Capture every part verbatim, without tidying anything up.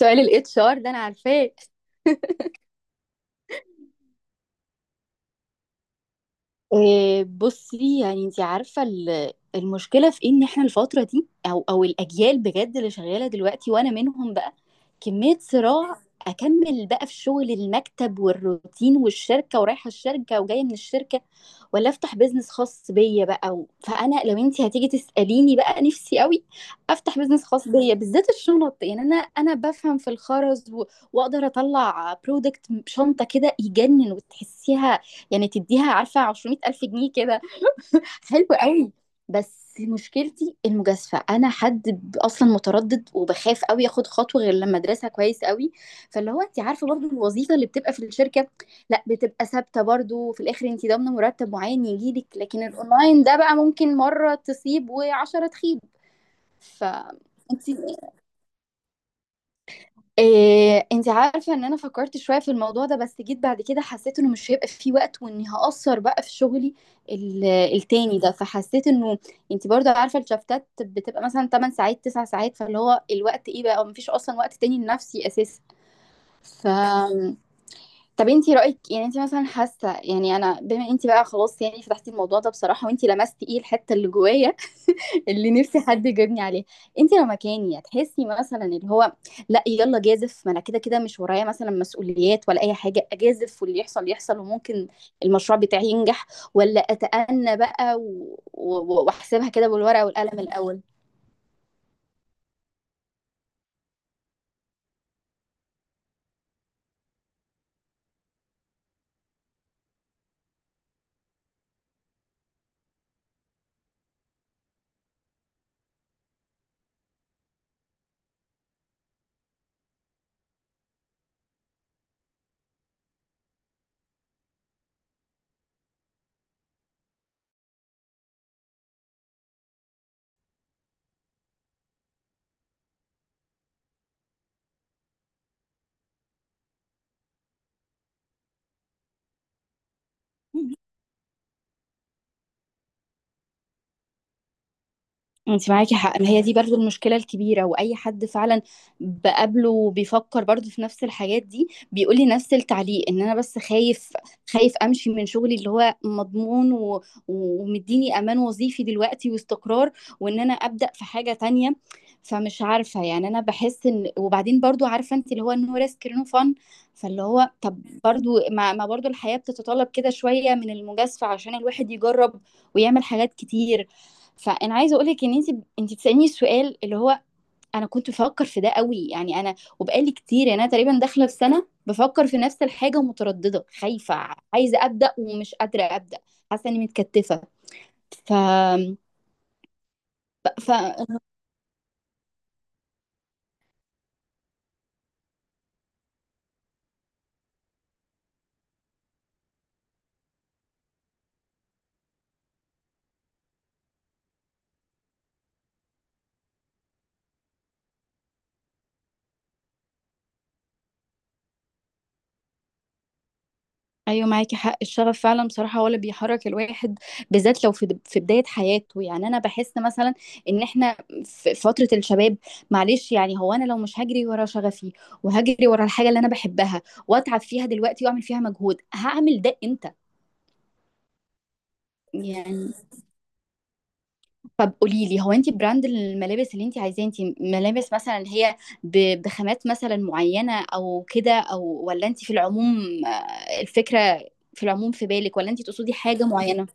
سؤال الاتش ار ده انا عارفاه. آه، بصي، يعني انت عارفه ال- المشكله في إيه؟ ان احنا الفتره دي او او الاجيال بجد اللي شغاله دلوقتي وانا منهم بقى. كميه صراع. اكمل بقى في شغل المكتب والروتين والشركه ورايحه الشركه وجايه من الشركه، ولا افتح بيزنس خاص بيا بقى و... فانا لو انت هتيجي تساليني بقى نفسي قوي افتح بيزنس خاص بيا، بالذات الشنط. يعني انا انا بفهم في الخرز و... واقدر اطلع برودكت. شنطه كده يجنن وتحسيها، يعني تديها عارفة ميتين ألف جنيه كده. حلو قوي. بس مشكلتي المجازفة، أنا حد ب- أصلا متردد وبخاف قوي أخد خطوة غير لما أدرسها كويس قوي. فاللي هو أنت عارفة برضو الوظيفة اللي بتبقى في الشركة، لا، بتبقى ثابتة برضو، في الآخر أنت ضامنة مرتب معين يجيلك، لكن الأونلاين ده بقى ممكن مرة تصيب وعشرة تخيب. ف انت إيه، انت عارفة ان انا فكرت شوية في الموضوع ده، بس جيت بعد كده حسيت انه مش هيبقى فيه وقت واني هقصر بقى في شغلي ال- التاني ده، فحسيت انه انت برضو عارفة الشفتات بتبقى مثلا ثماني ساعات تسعة ساعات، فاللي هو الوقت ايه بقى، ومفيش اصلا وقت تاني لنفسي اساسا. ف طب انت رأيك، يعني انت مثلا حاسة، يعني انا بما انت بقى خلاص يعني فتحتي الموضوع ده بصراحة وانت لمستي ايه الحتة اللي جوايا اللي نفسي حد يجيبني عليه، انت لو مكاني هتحسي مثلا اللي هو لا يلا جازف، ما انا كده كده مش ورايا مثلا مسؤوليات ولا اي حاجه، اجازف واللي يحصل يحصل وممكن المشروع بتاعي ينجح، ولا اتأنى بقى و- و- واحسبها كده بالورقه والقلم الاول. انت معاكي حق، ما هي دي برضو المشكلة الكبيرة، واي حد فعلا بقابله بيفكر برضو في نفس الحاجات دي بيقولي نفس التعليق، ان انا بس خايف، خايف امشي من شغلي اللي هو مضمون و... ومديني امان وظيفي دلوقتي واستقرار، وان انا ابدأ في حاجة تانية. فمش عارفة يعني، انا بحس ان، وبعدين برضو عارفة انت اللي هو نو ريسك نو فن، فاللي هو طب برضو ما, ما برضو الحياة بتتطلب كده شوية من المجازفة عشان الواحد يجرب ويعمل حاجات كتير. فانا عايزه اقول لك ان انت انت بتسالني السؤال اللي هو، انا كنت بفكر في ده قوي، يعني انا وبقالي كتير، يعني انا تقريبا داخله في سنه بفكر في نفس الحاجه ومتردده خايفه، عايزه ابدا ومش قادره ابدا، حاسه اني متكتفه. ف... ف... ايوه معاكي حق، الشغف فعلا بصراحه هو اللي بيحرك الواحد، بالذات لو في في بدايه حياته. يعني انا بحس مثلا ان احنا في فتره الشباب، معلش يعني، هو انا لو مش هجري ورا شغفي وهجري ورا الحاجه اللي انا بحبها واتعب فيها دلوقتي واعمل فيها مجهود، هعمل ده امتى؟ يعني طب قولي لي، هو انت براند الملابس اللي انت عايزاه انت، ملابس مثلا اللي هي ب- بخامات مثلا معينه او كده او، ولا انت في العموم، آه، الفكره في العموم في بالك، ولا انت تقصدي حاجه معينه؟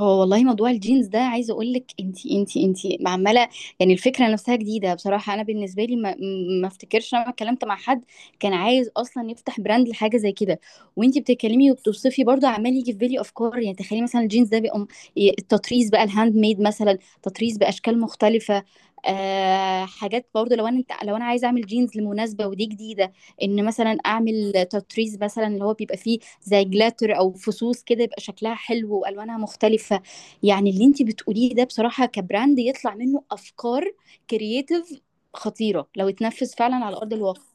هو والله موضوع الجينز ده، عايزه اقول لك، انتي انتي انتي عماله. يعني الفكره نفسها جديده بصراحه، انا بالنسبه لي ما ما افتكرش انا اتكلمت مع حد كان عايز اصلا يفتح براند لحاجه زي كده. وانتي بتتكلمي وبتوصفي، برضه عمال يجي في بالي افكار، يعني تخيلي مثلا الجينز ده بيقوم، التطريز بقى الهاند ميد مثلا، تطريز باشكال مختلفه. آه، حاجات برضه، لو انا انت لو انا عايزه اعمل جينز لمناسبه ودي جديده، ان مثلا اعمل تطريز مثلا اللي هو بيبقى فيه زي جلاتر او فصوص كده، يبقى شكلها حلو والوانها مختلفه. يعني اللي انت بتقوليه ده بصراحه، كبراند يطلع منه افكار كرييتيف خطيره لو اتنفذ فعلا على ارض الواقع.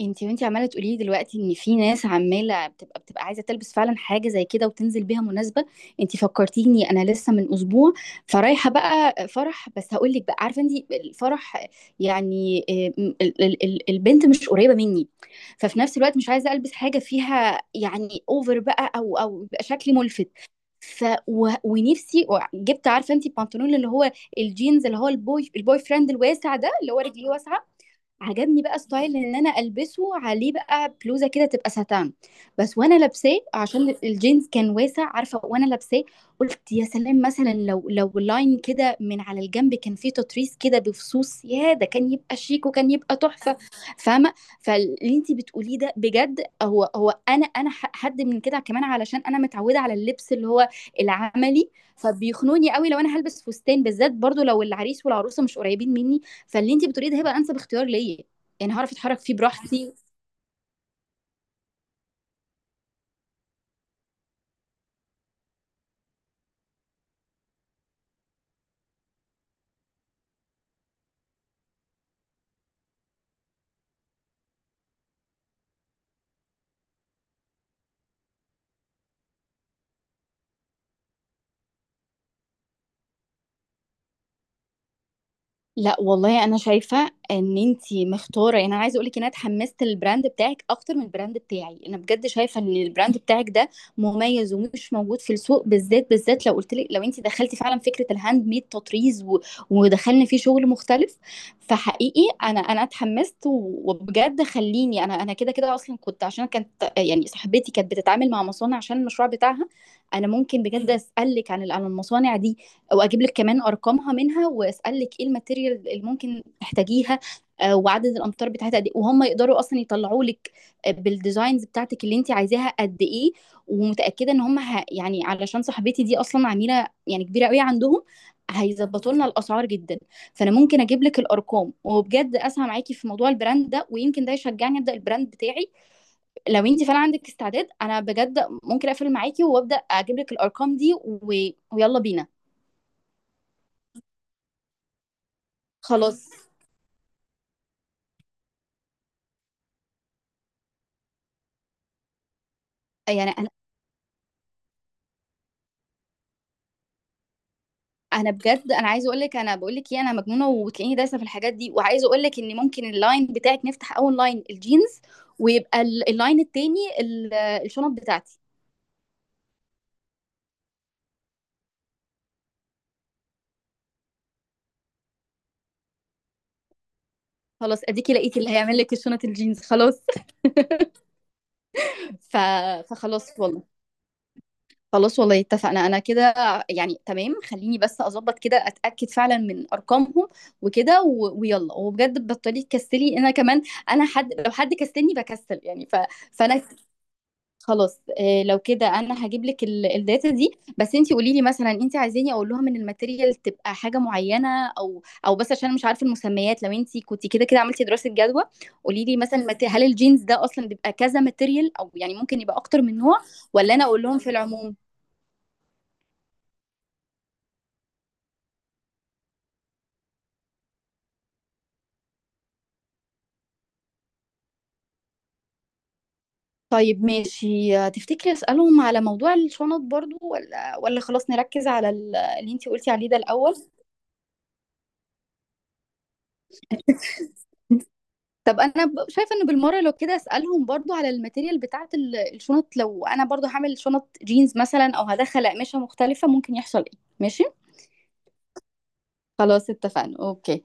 انتي وانتي عماله تقولي لي دلوقتي ان في ناس عماله بتبقى بتبقى عايزه تلبس فعلا حاجه زي كده وتنزل بيها مناسبه. انتي فكرتيني، انا لسه من اسبوع فرايحه بقى فرح، بس هقول لك بقى، عارفه انتي الفرح يعني، اه، م- ال- ال- ال- البنت مش قريبه مني. ففي نفس الوقت مش عايزه البس حاجه فيها يعني اوفر بقى، او او يبقى شكلي ملفت. ف و- ونفسي، و- جبت عارفه انتي البنطلون اللي هو الجينز اللي هو البوي البوي فريند الواسع ده، اللي هو رجليه واسعه. عجبني بقى ستايل ان انا البسه، عليه بقى بلوزه كده تبقى ساتان بس، وانا لابساه عشان الجينز كان واسع، عارفه وانا لابساه قلت يا سلام، مثلا لو لو لاين كده من على الجنب كان فيه تطريز كده بفصوص يا ده، كان يبقى شيك وكان يبقى تحفه، فاهمه؟ فاللي انت بتقوليه ده بجد، هو هو انا انا ح- حد من كده كمان، علشان انا متعوده على اللبس اللي هو العملي، فبيخنوني قوي لو انا هلبس فستان، بالذات برضو لو العريس والعروسه مش قريبين مني. فاللي انت بتقوليه ده هيبقى انسب اختيار ليا، يعني هعرف اتحرك فيه براحتي. لا والله، انا شايفه ان انتي مختاره. يعني انا عايزه اقول لك ان انا اتحمست للبراند بتاعك اكتر من البراند بتاعي، انا بجد شايفه ان البراند بتاعك ده مميز ومش موجود في السوق، بالذات بالذات لو قلت لك، لو انتي دخلتي فعلا فكره الهاند ميد تطريز و... ودخلنا فيه شغل مختلف. فحقيقي انا انا اتحمست، و- وبجد خليني، انا انا كده كده اصلا كنت، عشان كانت، يعني صاحبتي كانت بتتعامل مع مصانع عشان المشروع بتاعها. انا ممكن بجد اسالك عن ال- عن المصانع دي، واجيب لك كمان ارقامها منها، واسالك ايه الماتيريال اللي ممكن تحتاجيها، آه، وعدد الامتار بتاعتها قد ايه، وهم يقدروا اصلا يطلعوا لك، آه، بالديزاينز بتاعتك اللي انت عايزاها قد ايه. ومتاكده ان هم ه... يعني علشان صاحبتي دي اصلا عميله يعني كبيره قوي عندهم، هيظبطوا لنا الاسعار جدا. فانا ممكن اجيب لك الارقام، وبجد اسعى معاكي في موضوع البراند ده، ويمكن ده يشجعني ابدا البراند بتاعي. لو انت فعلا عندك استعداد، انا بجد ممكن اقفل معاكي وابدا اجيب لك الارقام دي و... ويلا بينا. خلاص، يعني انا انا بجد، انا عايزه اقول لك، انا بقول لك ايه، انا مجنونه وتلاقيني دايسه في الحاجات دي، وعايزه اقول لك ان ممكن اللاين بتاعك نفتح اول لاين الجينز، ويبقى ال- اللاين التاني ال- الشنط بتاعتي. خلاص، اديكي لقيتي اللي هيعمل لك الشنط الجينز، خلاص. ف... فخلاص والله، خلاص والله اتفقنا انا كده. يعني تمام، خليني بس اظبط كده، اتاكد فعلا من ارقامهم وكده و... ويلا، وبجد بطلي تكسلي، انا كمان انا حد، لو حد كسلني بكسل يعني. ف... فانا خلاص، آه، لو كده انا هجيب لك ال- الداتا دي. بس انت قولي لي مثلا، انت عايزاني اقول لهم ان الماتيريال تبقى حاجه معينه، او او بس عشان أنا مش عارفه المسميات، لو انت كنت كده كده عملتي دراسه جدوى قولي لي مثلا، مت- هل الجينز ده اصلا بيبقى كذا ماتيريال، او يعني ممكن يبقى اكتر من نوع، ولا انا اقول لهم في العموم؟ طيب ماشي، آه، تفتكري اسالهم على موضوع الشنط برضو، ولا ولا خلاص نركز على ال- اللي انت قلتي عليه ده الاول؟ طب انا ب- شايفه انه بالمره لو كده اسالهم برضو على الماتيريال بتاعه ال- الشنط، لو انا برضو هعمل شنط جينز مثلا او هدخل اقمشه مختلفه ممكن يحصل ايه. ماشي، خلاص اتفقنا، اوكي.